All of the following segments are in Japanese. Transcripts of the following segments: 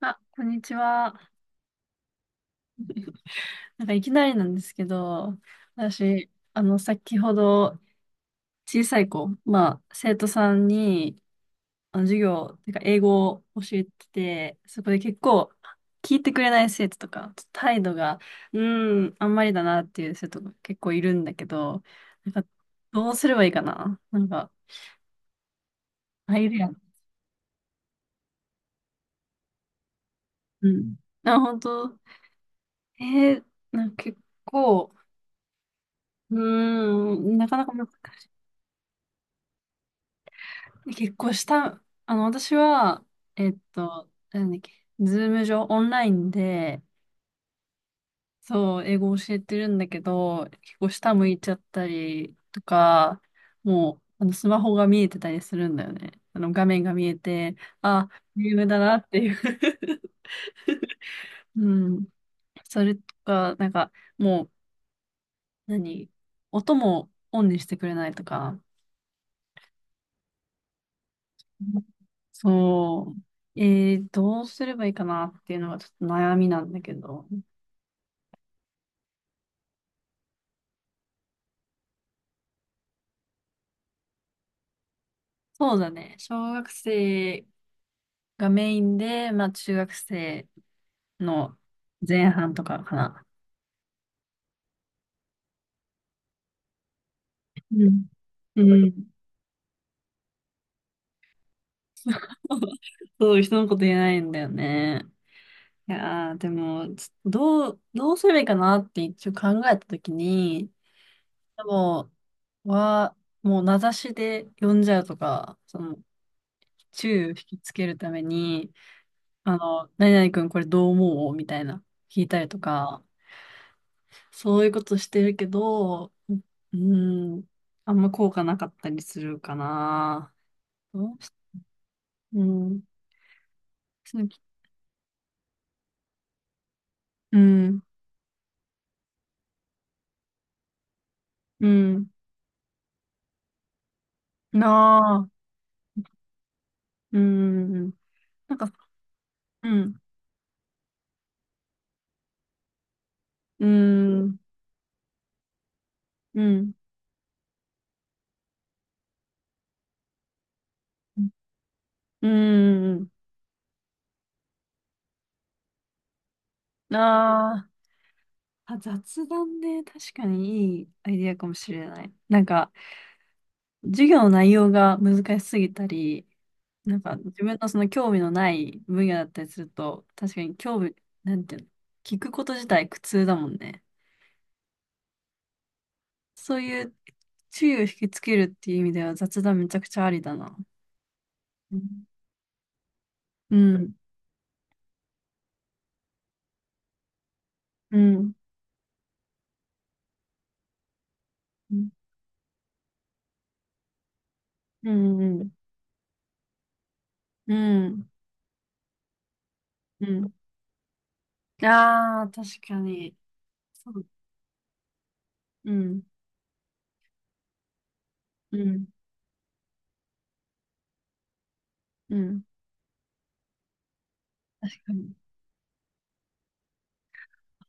あ、こんにちは。なんかいきなりなんですけど、私、先ほど小さい子、まあ、生徒さんに、授業、てか英語を教えてて、そこで結構、聞いてくれない生徒とか、態度が、あんまりだなっていう生徒が結構いるんだけど、なんか、どうすればいいかななんか、あ、いるやん。うん。あ、本当えー、なんか結構、なかなか難しい。結構した、私は、えっと、なんだっけ、ズーム上、オンラインで、そう、英語教えてるんだけど、結構下向いちゃったりとか、もう、スマホが見えてたりするんだよね。あの、画面が見えて、あ、ゲームだなっていう うん。それとか、なんか、もう、何音もオンにしてくれないとか。うん、そう。どうすればいいかなっていうのがちょっと悩みなんだけど。そうだね。小学生がメインで、まあ中学生の前半とかかな。うん。うん。そう、人のこと言えないんだよね。いやー、でも、ちょっとどう、どうすればいいかなって一応考えたときに、でも、は、もう名指しで呼んじゃうとか、その、注意を引きつけるために、何々君これどう思うみたいな、聞いたりとか、そういうことしてるけど、うん、あんま効果なかったりするかな。どうしうん、鈴木うん、うん、なあ、うん、なんか、うん、うん、うん、うん、なあ、あ、雑談ね、確かにいいアイディアかもしれない。なんか、授業の内容が難しすぎたり、なんか自分のその興味のない分野だったりすると、確かに興味、なんていうの、聞くこと自体苦痛だもんね。そういう注意を引きつけるっていう意味では雑談めちゃくちゃありだな。うん。うん。うん。うん。うん。うん。ああー、確かに。そう。うん。うん。うん。確かに。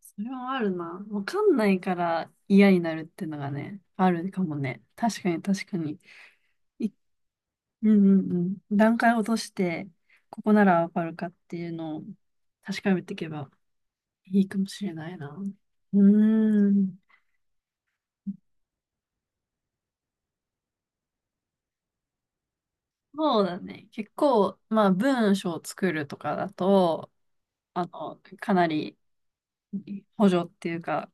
それはあるな。わかんないから嫌になるってのがね、あるかもね。確かに確かに。い、うん、うん、うん。段階を落として、ここならわかるかっていうのを確かめていけばいいかもしれないな。うーん。そうだね。結構、まあ文章を作るとかだと、かなり補助っていうか、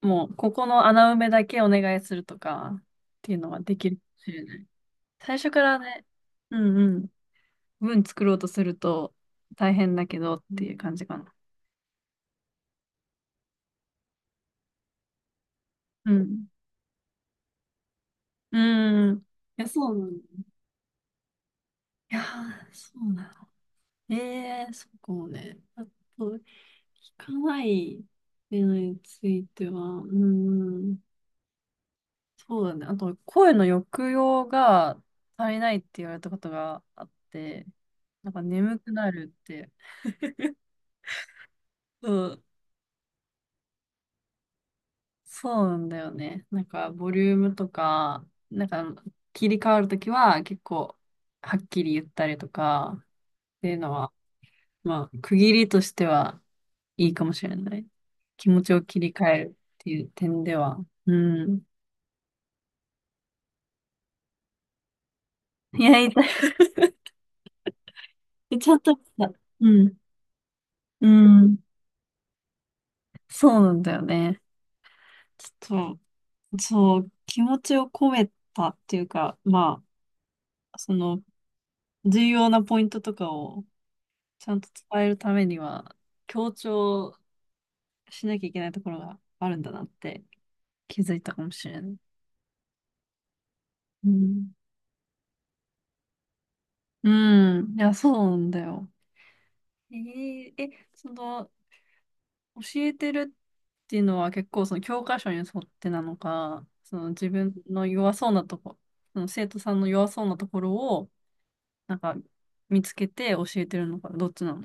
もうここの穴埋めだけお願いするとかっていうのはできるかもしれない。最初からね、うん、うん、文作ろうとすると大変だけどっていう感じかな。うん。うん。いや、そうなの。いやー、そうなの。ええー、そうかもね。あと、聞かないっていうのについては、うん、そうだね。あと、声の抑揚が足りないって言われたことがあって、なんか眠くなるって。そうん、そうなんだよね。なんか、ボリュームとか、なんか、切り替わるときは結構、はっきり言ったりとか、っていうのは、まあ、区切りとしてはいいかもしれない。気持ちを切り替えるっていう点では。うん。いや、痛い。ちょっと、うん。うん。そうなんだよね。ちょっと、そう、気持ちを込めたっていうか、まあ、その、重要なポイントとかをちゃんと伝えるためには、強調しなきゃいけないところがあるんだなって気づいたかもしれない。うん。うん。いや、そうなんだよ。えーえ、その、教えてるっていうのは結構その教科書に沿ってなのか、その自分の弱そうなとこ、その生徒さんの弱そうなところを、なんか見つけて教えてるのか、どっちなの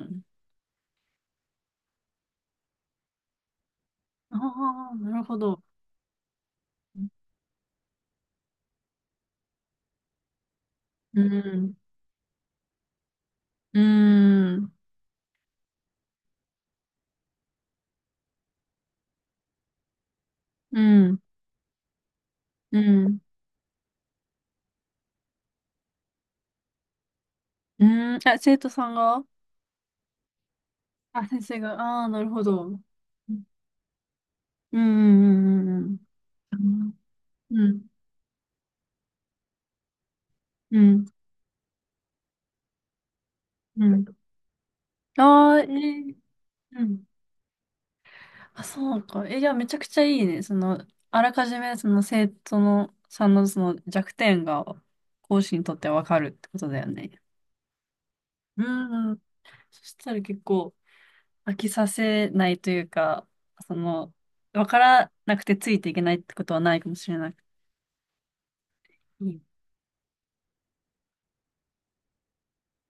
ああ、なるほど。うん。うん。うん。うん。うん。うん、あ、生徒さんがあ、先生が、ああ、なるほど。うん、うん、うん、うん、うん。うん、うん、うん。ああー、うん。あ、そうか。え、じゃあめちゃくちゃいいね。その、あらかじめその生徒のさんのその弱点が講師にとってわかるってことだよね。うん、うん。そしたら結構飽きさせないというか、その、わからなくてついていけないってことはないかもしれない。うん。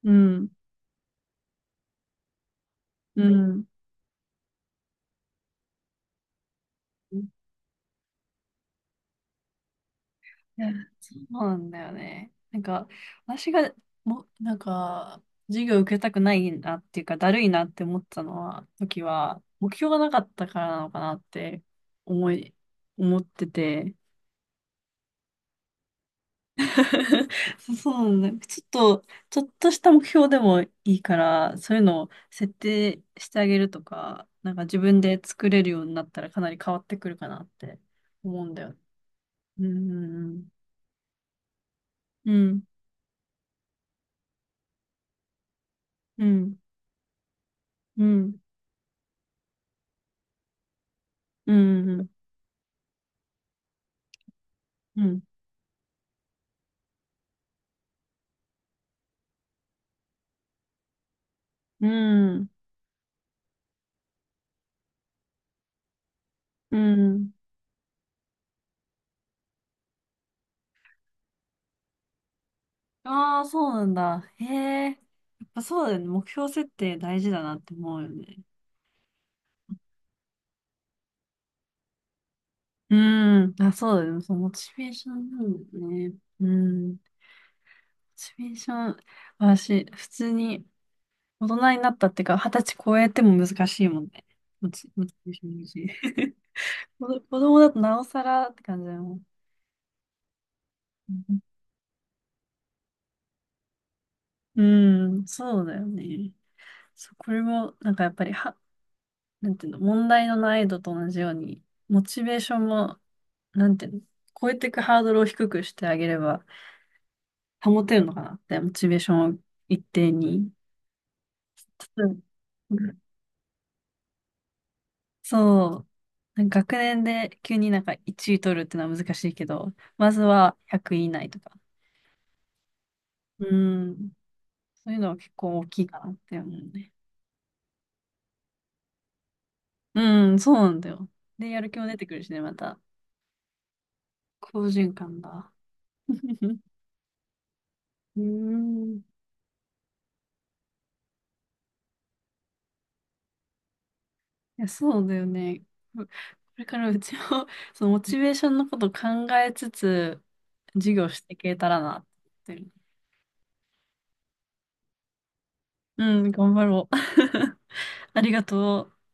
うん。うん。いや、そうなんだよね。なんか、私が、も、なんか、授業受けたくないなっていうか、だるいなって思ったのは、時は、目標がなかったからなのかなって思い、思ってて。そうなんだ。ちょっとした目標でもいいから、そういうのを設定してあげるとか、なんか自分で作れるようになったらかなり変わってくるかなって思うんだよ。うん、うん、うん、うん、うん、うん。うん、うん。うん。うん。ああ、そうなんだ。へえ。やっぱそうだよね。目標設定大事だなって思うよね。うん。あ、そうだよね。そう、モチベーションなんだよね。うん。モチベーション、私、普通に大人になったっていうか、二十歳超えても難しいもんね。モチベーション維持 子供子供だとなおさらって感じだよ。うん、うん、そうだよね。そう、これも、なんかやっぱりは、なんていうの、問題の難易度と同じように、モチベーションも、なんていうの、超えていくハードルを低くしてあげれば、保てるのかなって、モチベーションを一定に。うん、そう。なんか学年で急になんか1位取るってのは難しいけど、まずは100位以内とか。うん。そういうのは結構大きいかなって思うね。うん、そうなんだよ。で、やる気も出てくるしね、また。好循環だ。うん。いや、そうだよね。う これからうちも、そのモチベーションのこと考えつつ、授業していけたらなって思ってる。うん、頑張ろう。ありがとう。